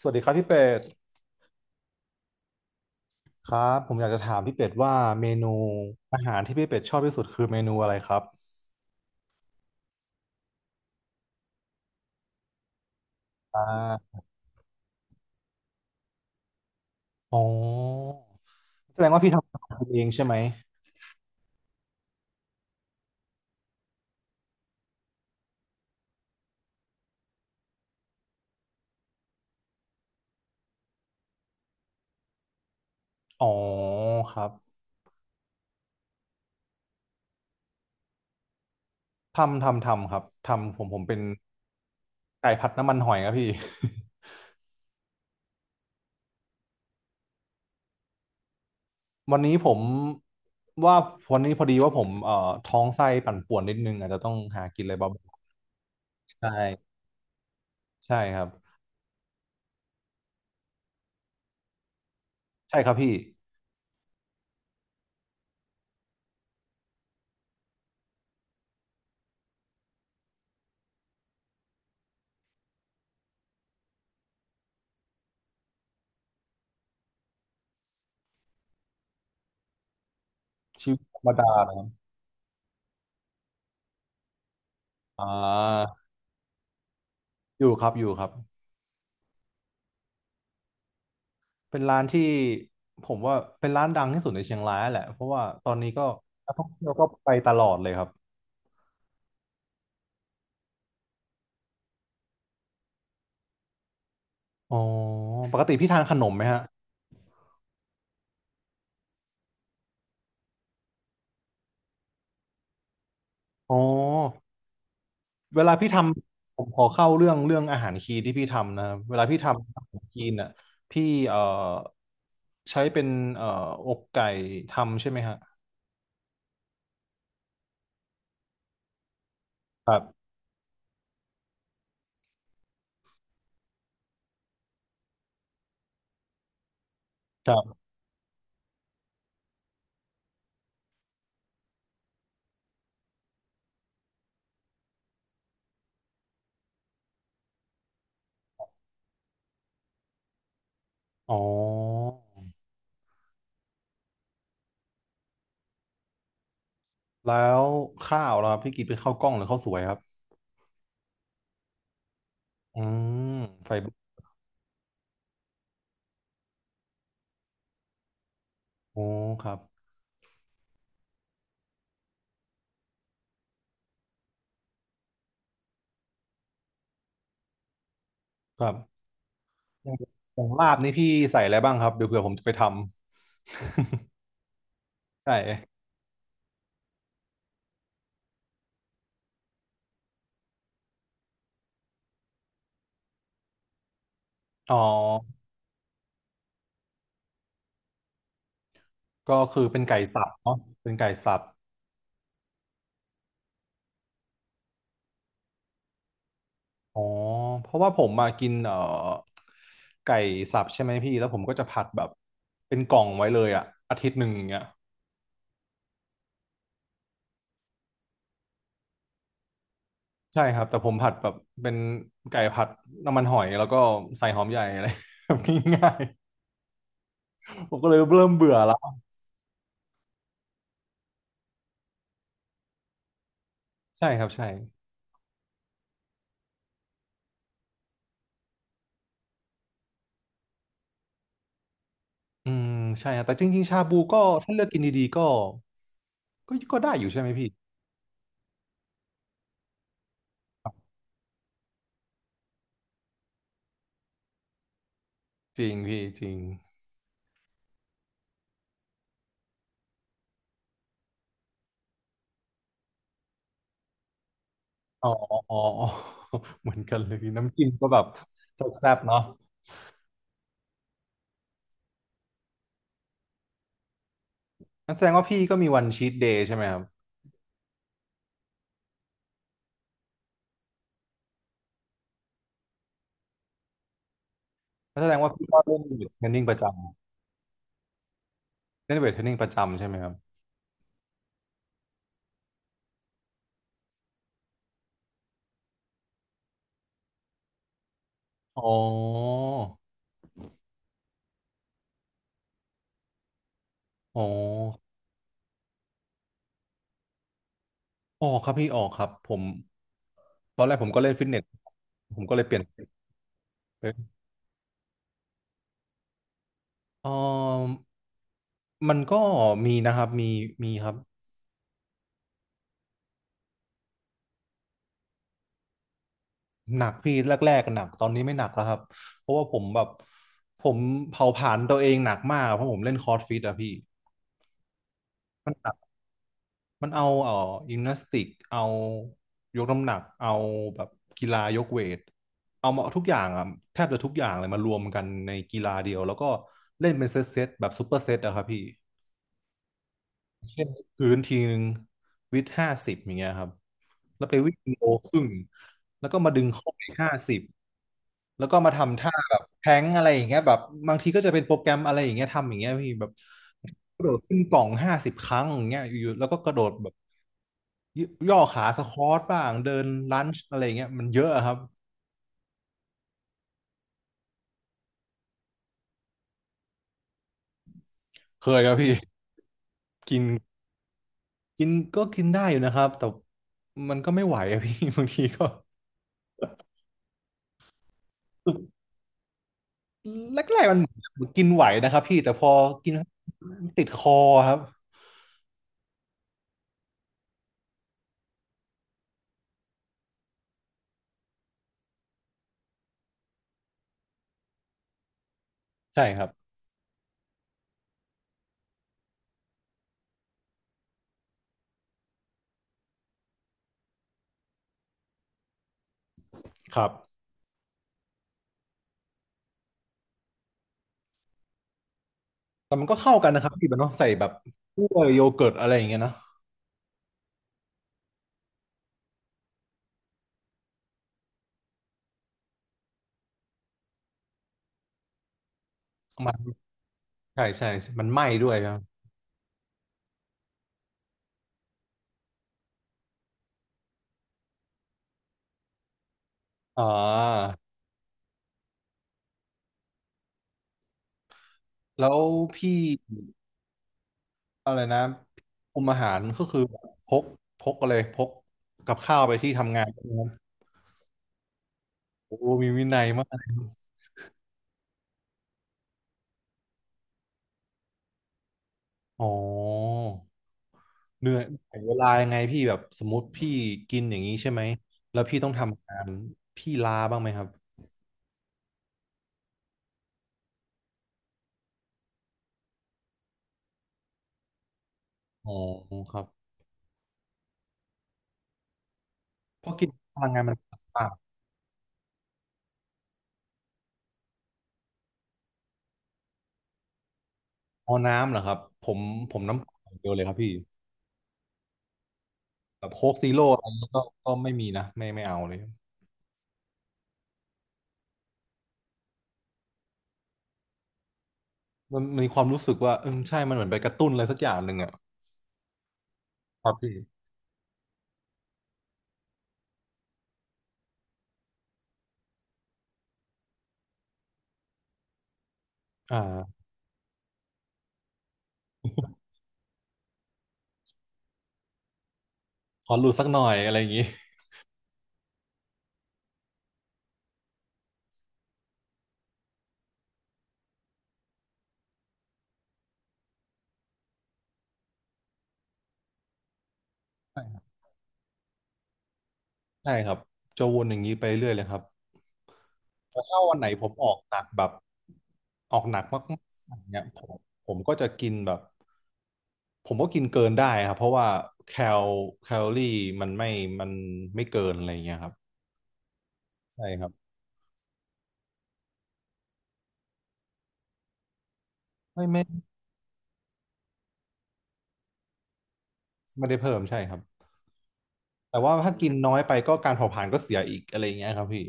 สวัสดีครับพี่เป็ดครับผมอยากจะถามพี่เป็ดว่าเมนูอาหารที่พี่เป็ดชอบที่สุดคือเมนูอะไรครับอ่าอ๋อแสดงว่าพี่ทำอาหารกินเองใช่ไหมอ๋อครับทำครับทำผมเป็นไก่ผัดน้ำมันหอยครับพี่ วันนี้ผมว่าวันนี้พอดีว่าผมท้องไส้ปั่นป่วนนิดนึงอาจจะต้องหากินอะไรบ้างใช่ใช่ครับใช่ครับพี่ชีวิตธรรมดาเลยครับอ่าอยู่ครับอยู่ครับ เป็นร้านที่ผมว่าเป็นร้านดังที่สุดในเชียงรายแหละเพราะว่าตอนนี้ก็นักท่องเที่ยวก็ไปตลอดเลยครับอ๋อปกติพี่ทานขนมไหมฮะอ๋อเวลาพี่ทำผมขอเข้าเรื่องเรื่องอาหารคีนที่พี่ทำนะครับเวลาพี่ทำอาหารคีนน่ะพี่เอ่อใช้เป็นอกไก่ทำใช่ไหมฮะครับครับอ๋อแล้วข้าวล่ะครับพี่กินเป็นข้าวกล้องหรือข้าวสวยครับอืมไฟเบอร์โอ้ครับครับ อย่างอย่างลาบนี่พี่ใส่อะไรบ้างครับเดี๋ยวเผื่อผมจะไปทำ ใช่อ๋อก็คือเป็นไก่สับเนาะเป็นไก่สับอ๋อเพราะว่าผมมากินไก่สับใช่ไหมพี่แล้วผมก็จะผัดแบบเป็นกล่องไว้เลยอะอาทิตย์หนึ่งอย่างเงี้ยใช่ครับแต่ผมผัดแบบเป็นไก่ผัดน้ำมันหอยแล้วก็ใส่หอมใหญ่อะไร แบบง่ายๆผมก็เลยเริ่มเบื่อแล้วใช่ครับใช่อืมใช่ครับแต่จริงๆชาบูก็ถ้าเลือกกินดีๆก็ก็ก็ได้อยู่ใช่ไหมพี่ จริงพี่จริงอ๋อ อ๋ออ๋อ เหมือนกันเลยน้ำจิ้มก็แบบแซ่บๆเนาะนั่นแสดงว่าพี่ก็มีวันชีทเดย์ใช่ไหมครับนั่นแสดงว่าพี่ก็เล่นเวทเทรนนิ่งประจำเล่นเวทเทรนนิ่งประจำใช่ไหมครับอ๋ออ๋อออกครับพี่ออกครับผมตอนแรกผมก็เล่นฟิตเนสผมก็เลยเปลี่ยนไปเออมันก็มีนะครับ มี มีครับ หนักพี่แรกๆหนักตอนนี้ไม่หนักแล้วครับเพราะว่าผมแบบผมเผาผลาญตัวเองหนักมากเพราะผมเล่นคอร์สฟิตอะพี่ มันแบบมันเอายิมนาสติก เอายกน้ำหนัก เอาแบบกีฬายกเวท เอามาทุกอย่างอ่ะแทบจะทุกอย่างเลยมารวมกันในกีฬาเดียวแล้วก็เล่นเป็นเซตเซตแบบซูเปอร์เซตอะครับพี่ เช่นพื้นทีนึงวิด50อย่างเงี้ยครับแล้วไปวิ่งโลครึ่งแล้วก็มาดึงเข้าไปห้าสิบแล้วก็มาทำท่าแบบแท้งอะไรอย่างเงี้ยแบบบางทีก็จะเป็นโปรแกรมอะไรอย่างเงี้ยทำอย่างเงี้ยพี่แบบกระโดดขึ้นกล่อง50 ครั้งอย่างเงี้ยอยู่ๆแล้วก็กระโดดแบบยย่อขาสควอตบ้างเดินลันช์อะไรอย่างเงี้ยมันเยอะอะครับเคยครับพี่กินกินก็กินได้อยู่นะครับแต่มันก็ไม่ไหวอะพี่ บางทีก็ แรกๆมันเหมือนกินไหวนะครับพี่แต่พอกินติดคอครับใช่ครับครับแต่มันก็เข้ากันนะครับพี่แบบเนาะใส่แบบกล้วยโยเกิร์ตอะไรอย่างเงี้ยเนาะมันใช่ใช่มันไหม้ด้วยครับอ่าแล้วพี่อะไรนะคุมอาหารก็คือพกพกอะไรพกกับข้าวไปที่ทำงานนะครับโอ้มีวินัยมากอ๋อ เหนื่อยแบ่งเวลายังไงพี่แบบสมมติพี่กินอย่างนี้ใช่ไหมแล้วพี่ต้องทำงานพี่ลาบ้างไหมครับอ๋อครับเพราะกินพลังงานมันอ่าเอาน้ำเหรอครับผมผมน้ำเปล่าอย่างเดียวเลยครับพี่แบบโค้กซีโร่อะไรนี้ก็ก็ไม่มีนะไม่ไม่เอาเลยมันมีความรู้สึกว่าเออใช่มันเหมือนไปกระตุ้นอะไรสักอย่างหนึ่งอ่ะครับพี่อ่าขอหลุดสักหน่อยอะไรอย่างนี้ ใช่ครับจะวนอย่างนี้ไปเรื่อยเลยครับแต่ถ้าวันไหนผมออกหนักแบบออกหนักมากๆอย่างเนี่ยผมผมก็จะกินแบบผมก็กินเกินได้ครับเพราะว่าแคลแคลอรี่มันไม่มันไม่เกินอะไรอย่างเงี้ยครับใช่ครับไม่ไม่ไม่ได้เพิ่มใช่ครับแต่ว่าถ้ากินน้อยไปก็การเผาผลาญก็เสียอีกอะไรอย่างเงี้ยครับพี่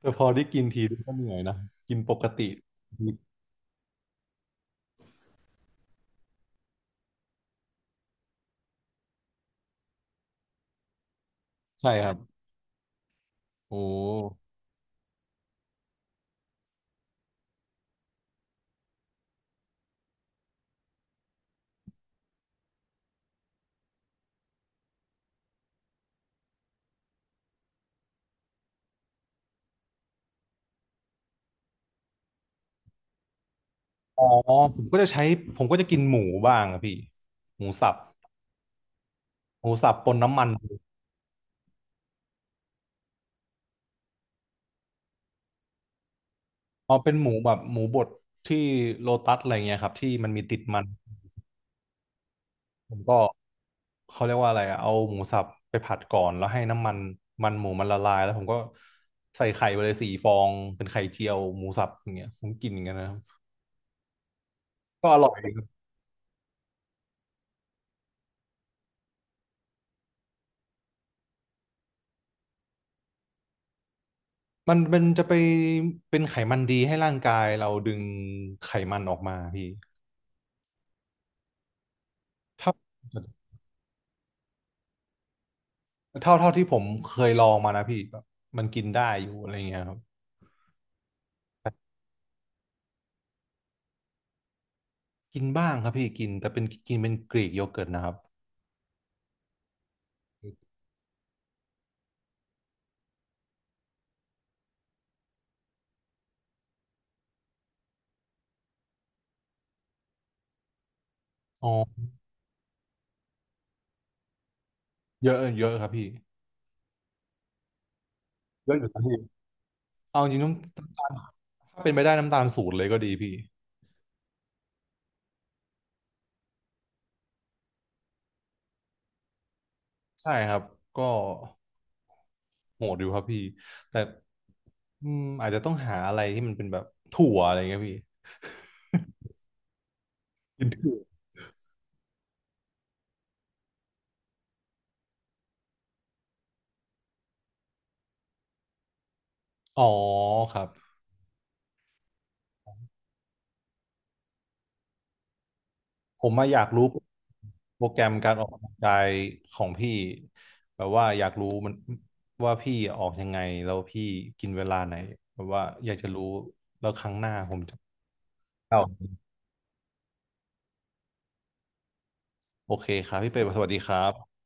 แต่พอได้กินทีก็เหนื่อยนะกินปกติใช่ครับโอ้ อ๋อผมก็จะใช้ผมก็จะกินหมูบ้างอะพี่หมูสับหมูสับปนน้ำมันเอาเป็นหมูแบบหมูบดที่โลตัสอะไรเงี้ยครับที่มันมีติดมันผมก็เขาเรียกว่าอะไรอะเอาหมูสับไปผัดก่อนแล้วให้น้ำมันมันหมูมันละลายแล้วผมก็ใส่ไข่ไปเลย4 ฟองเป็นไข่เจียวหมูสับอย่างเงี้ยผมกินอย่างเงี้ยนะครับก็อร่อยดีครับมันเป็นจะไปเป็นไขมันดีให้ร่างกายเราดึงไขมันออกมาพี่ถ้า เท่าที่ผมเคยลองมานะพี่แบบมันกินได้อยู่อะไรเงี้ยครับกินบ้างครับพี่กินแต่เป็นกินเป็นกรีกโยเกิร์ตนะครับอ๋อเยอะเยอะครับพี่เยอะอยู่ครับพี่เอาจริงๆน้ำถ้าเป็นไปได้น้ำตาล0เลยก็ดีพี่ใช่ครับก็โหดอยู่ครับพี่แต่อืมอาจจะต้องหาอะไรที่มันเป็นแบบถั่วอะไรเงี้ยพี่กินถั่วอ๋อครับ ผมมาอยากรู้โปรแกรมการออกกำลังกายของพี่แบบว่าอยากรู้มันว่าพี่ออกยังไงแล้วพี่กินเวลาไหนแบบว่าอยากจะรู้แล้วครั้งหน้าผมจะเอาโอเคครับพี่เป็ดสวัสดีครับ